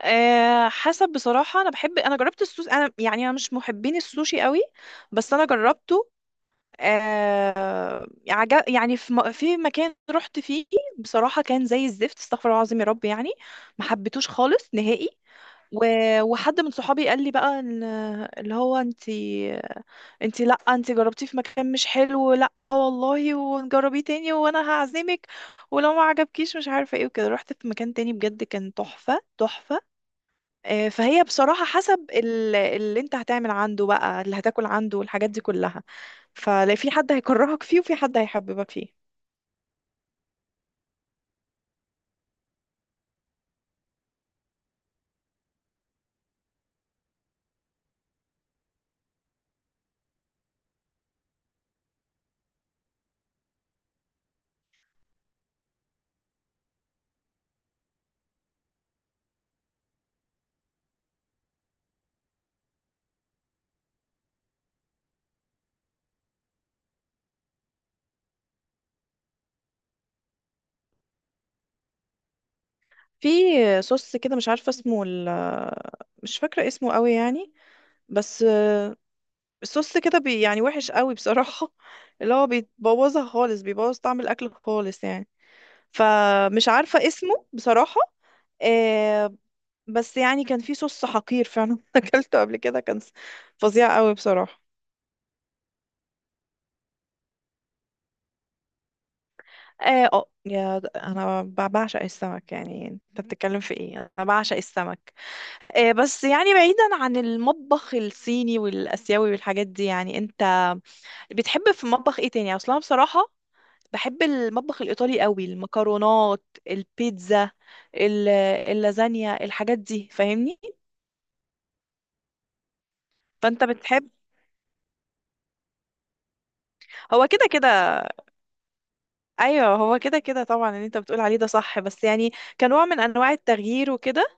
حسب بصراحة أنا جربت السوشي، أنا مش محبين السوشي قوي، بس أنا جربته. أه عجب يعني في مكان رحت فيه، بصراحة كان زي الزفت، استغفر الله العظيم يا رب، يعني ما حبيتوش خالص نهائي. و... وحد من صحابي قال لي بقى إن- اللي هو انتي انتي لا، انتي جربتيه في مكان مش حلو، لا والله ونجربيه تاني وانا هعزمك ولو ما عجبكيش مش عارفه ايه وكده. رحت في مكان تاني، بجد كان تحفه تحفه. فهي بصراحة حسب اللي انت هتعمل عنده بقى، اللي هتاكل عنده والحاجات دي كلها، فلا في حد هيكرهك فيه وفي حد هيحببك فيه. في صوص كده مش عارفة اسمه مش فاكرة اسمه قوي يعني، بس الصوص كده بي يعني وحش قوي بصراحة اللي هو بيبوظها خالص، بيبوظ طعم الأكل خالص يعني، فمش عارفة اسمه بصراحة. آه، بس يعني كان في صوص حقير فعلا أكلته قبل كده، كان فظيع قوي بصراحة. يا انا بعشق السمك، يعني انت بتتكلم في ايه، انا بعشق السمك. بس يعني بعيدا عن المطبخ الصيني والاسيوي والحاجات دي، يعني انت بتحب في المطبخ ايه تاني اصلا بصراحة؟ بحب المطبخ الايطالي قوي، المكرونات، البيتزا، ال- اللازانيا، الحاجات دي فاهمني. فانت بتحب؟ هو كده كده. ايوه هو كده كده طبعا، اللي انت بتقول عليه ده صح، بس يعني كنوع من انواع التغيير وكده.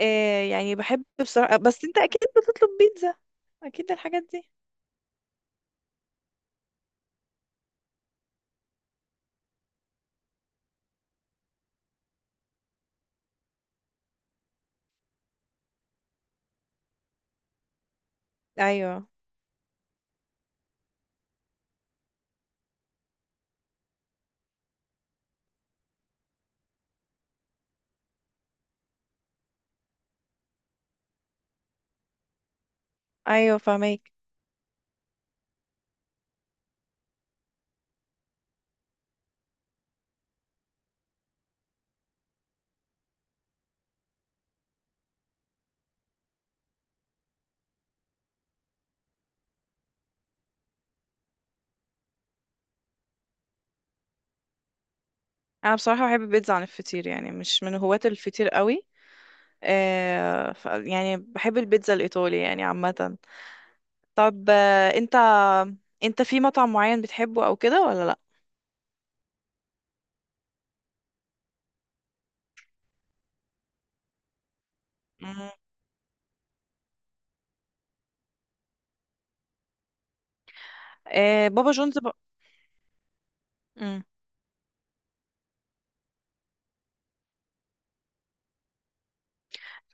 آه يعني بحب بصراحة، بس انت اكيد بتطلب بيتزا، اكيد الحاجات دي. ايوه. ايوه فاهمك. انا بصراحة بحب البيتزا عن الفطير، يعني مش من هواة الفطير قوي. آه ف يعني بحب البيتزا الايطالي يعني عامة. طب آه انت، انت في مطعم معين بتحبه او كده، ولا لا؟ مم. آه بابا جونز مم.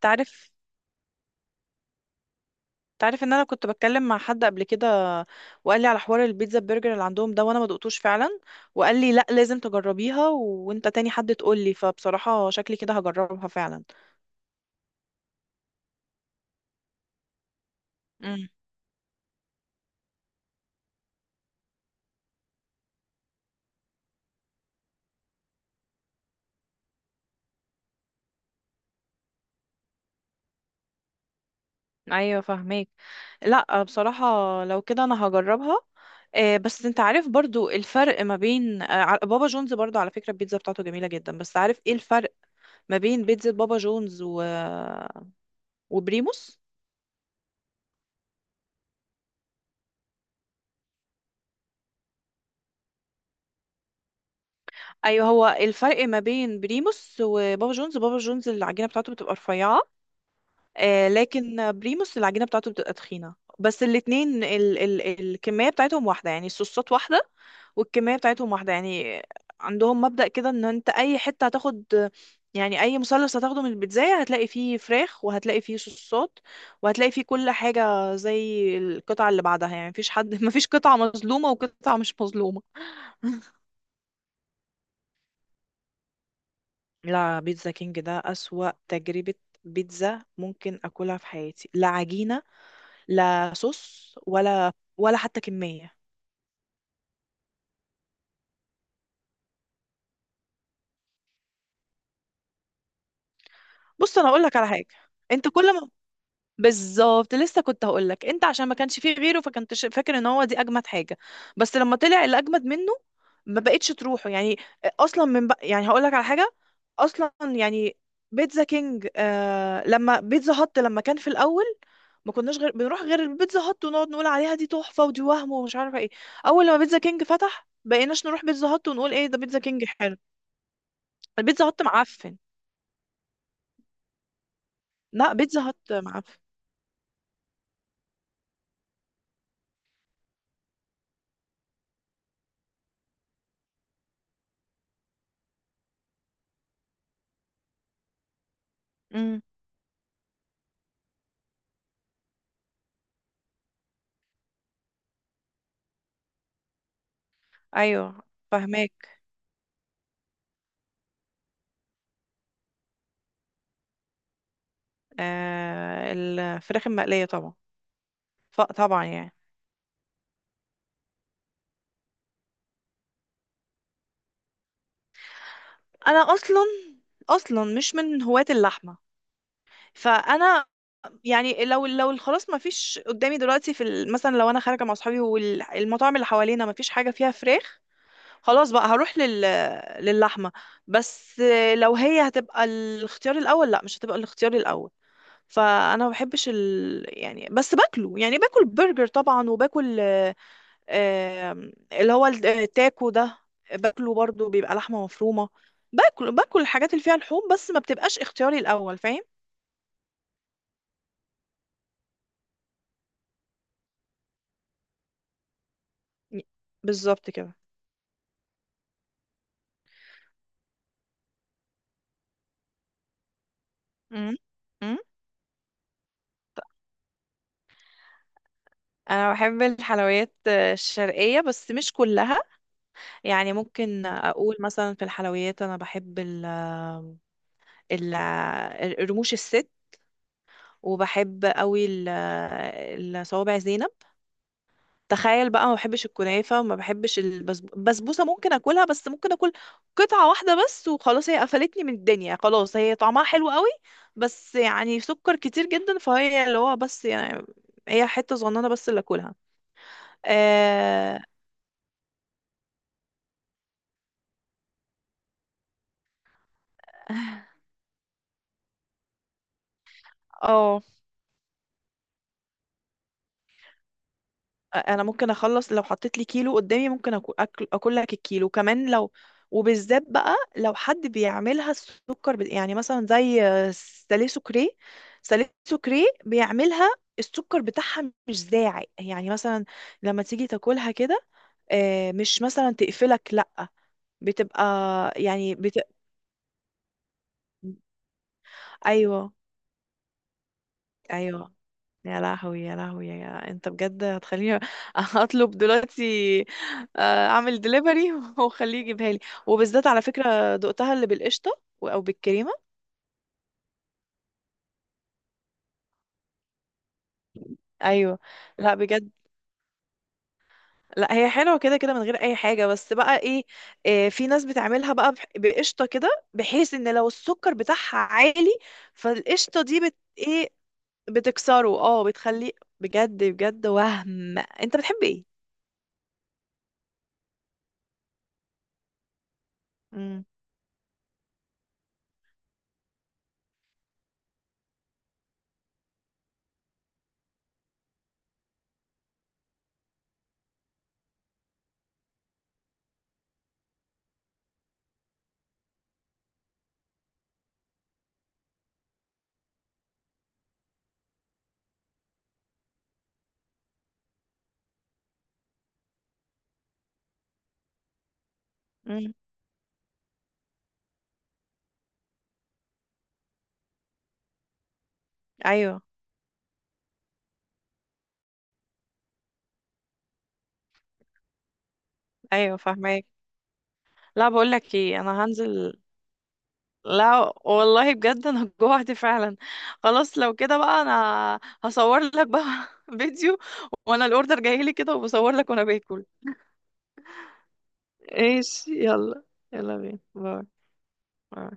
تعرف، تعرف ان انا كنت بتكلم مع حد قبل كده وقال لي على حوار البيتزا برجر اللي عندهم ده، وانا ما دقتوش فعلا، وقال لي لا لازم تجربيها، وانت تاني حد تقول لي، فبصراحة شكلي كده هجربها فعلا. امم. ايوه فاهمك. لا بصراحة لو كده انا هجربها. بس انت عارف برضو الفرق ما بين بابا جونز، برضو على فكرة البيتزا بتاعته جميلة جدا، بس عارف ايه الفرق ما بين بيتزا بابا جونز وبريموس؟ ايوه هو الفرق ما بين بريموس وبابا جونز، بابا جونز العجينه بتاعته بتبقى رفيعه، آه لكن بريموس العجينه بتاعته بتبقى تخينه. بس الاتنين ال الكميه بتاعتهم واحده، يعني الصوصات واحده والكميه بتاعتهم واحده يعني. عندهم مبدأ كده ان انت اي حته هتاخد، يعني اي مثلث هتاخده من البيتزاية هتلاقي فيه فراخ وهتلاقي فيه صوصات وهتلاقي فيه كل حاجه زي القطعه اللي بعدها، يعني مفيش حد مفيش قطعه مظلومه وقطعه مش مظلومه. لا بيتزا كينج ده أسوأ تجربة بيتزا ممكن أكلها في حياتي، لا عجينة، لا صوص، ولا حتى كمية. بص أنا أقول لك على حاجة. أنت كل ما بالظبط، لسه كنت هقول لك، انت عشان ما كانش فيه غيره فكنت فاكر ان هو دي اجمد حاجه، بس لما طلع اللي اجمد منه ما بقتش تروحه يعني. يعني هقول لك على حاجه، اصلا يعني بيتزا كينج آه لما بيتزا هات لما كان في الاول، ما كناش غير بنروح غير البيتزا هات ونقعد نقول عليها دي تحفه ودي وهم ومش عارفه ايه. اول لما بيتزا كينج فتح بقيناش نروح بيتزا هات ونقول ايه ده بيتزا كينج حلو. البيتزا هات معفن. لا بيتزا هات معفن. امم. ايوه فهماك. آه الفراخ المقلية طبعا. طبعا يعني. انا اصلا، اصلا مش من هواة اللحمة، فانا يعني لو خلاص ما فيش قدامي دلوقتي في مثلا لو انا خارجة مع اصحابي والمطاعم اللي حوالينا ما فيش حاجة فيها فراخ، خلاص بقى هروح للحمة. بس لو هي هتبقى الاختيار الاول، لا مش هتبقى الاختيار الاول. فانا ما بحبش يعني بس باكله، يعني باكل برجر طبعا وباكل اللي هو التاكو ده، باكله برضو بيبقى لحمة مفرومة. باكل الحاجات اللي فيها لحوم، بس ما بتبقاش اختياري الأول، فاهم؟ بالظبط كده. مم. مم. انا بحب الحلويات الشرقية بس مش كلها. يعني ممكن اقول مثلا في الحلويات انا بحب ال رموش الست، وبحب قوي الصوابع زينب. تخيل بقى ما بحبش الكنافه وما بحبش البسبوسه، ممكن اكلها بس ممكن اكل قطعه واحده بس وخلاص، هي قفلتني من الدنيا، خلاص هي طعمها حلو قوي بس يعني سكر كتير جدا، فهي اللي هو بس يعني هي حته صغننه بس اللي اكلها. اه. انا ممكن اخلص، لو حطيت لي كيلو قدامي ممكن اكل لك الكيلو كمان لو. وبالذات بقى لو حد بيعملها السكر يعني مثلا زي سالي سكري، سالي سكري بيعملها السكر بتاعها مش زاعي، يعني مثلا لما تيجي تاكلها كده، مش مثلا تقفلك، لا بتبقى يعني ايوه. ايوه. يا لهوي يا لهوي، يا انت بجد هتخليني اطلب دلوقتي، اعمل دليفري وخليه يجيبها لي. وبالذات على فكرة دقتها اللي بالقشطة او بالكريمة. ايوه. لا بجد، لا هي حلوة كده كده من غير اي حاجة، بس بقى ايه، في ناس بتعملها بقى بقشطة كده، بحيث ان لو السكر بتاعها عالي فالقشطة دي بت ايه، بتكسره. اه بتخليه، بجد بجد. وهم انت بتحب ايه؟ امم. امم. ايوه. ايوه فاهمك. لا بقول لك ايه انا هنزل. لا والله بجد انا جوعت فعلا. خلاص لو كده بقى انا هصور لك بقى فيديو وانا الاوردر جاي لي كده، وبصور لك وانا باكل. ايش يلا. يلا بينا باي. باي.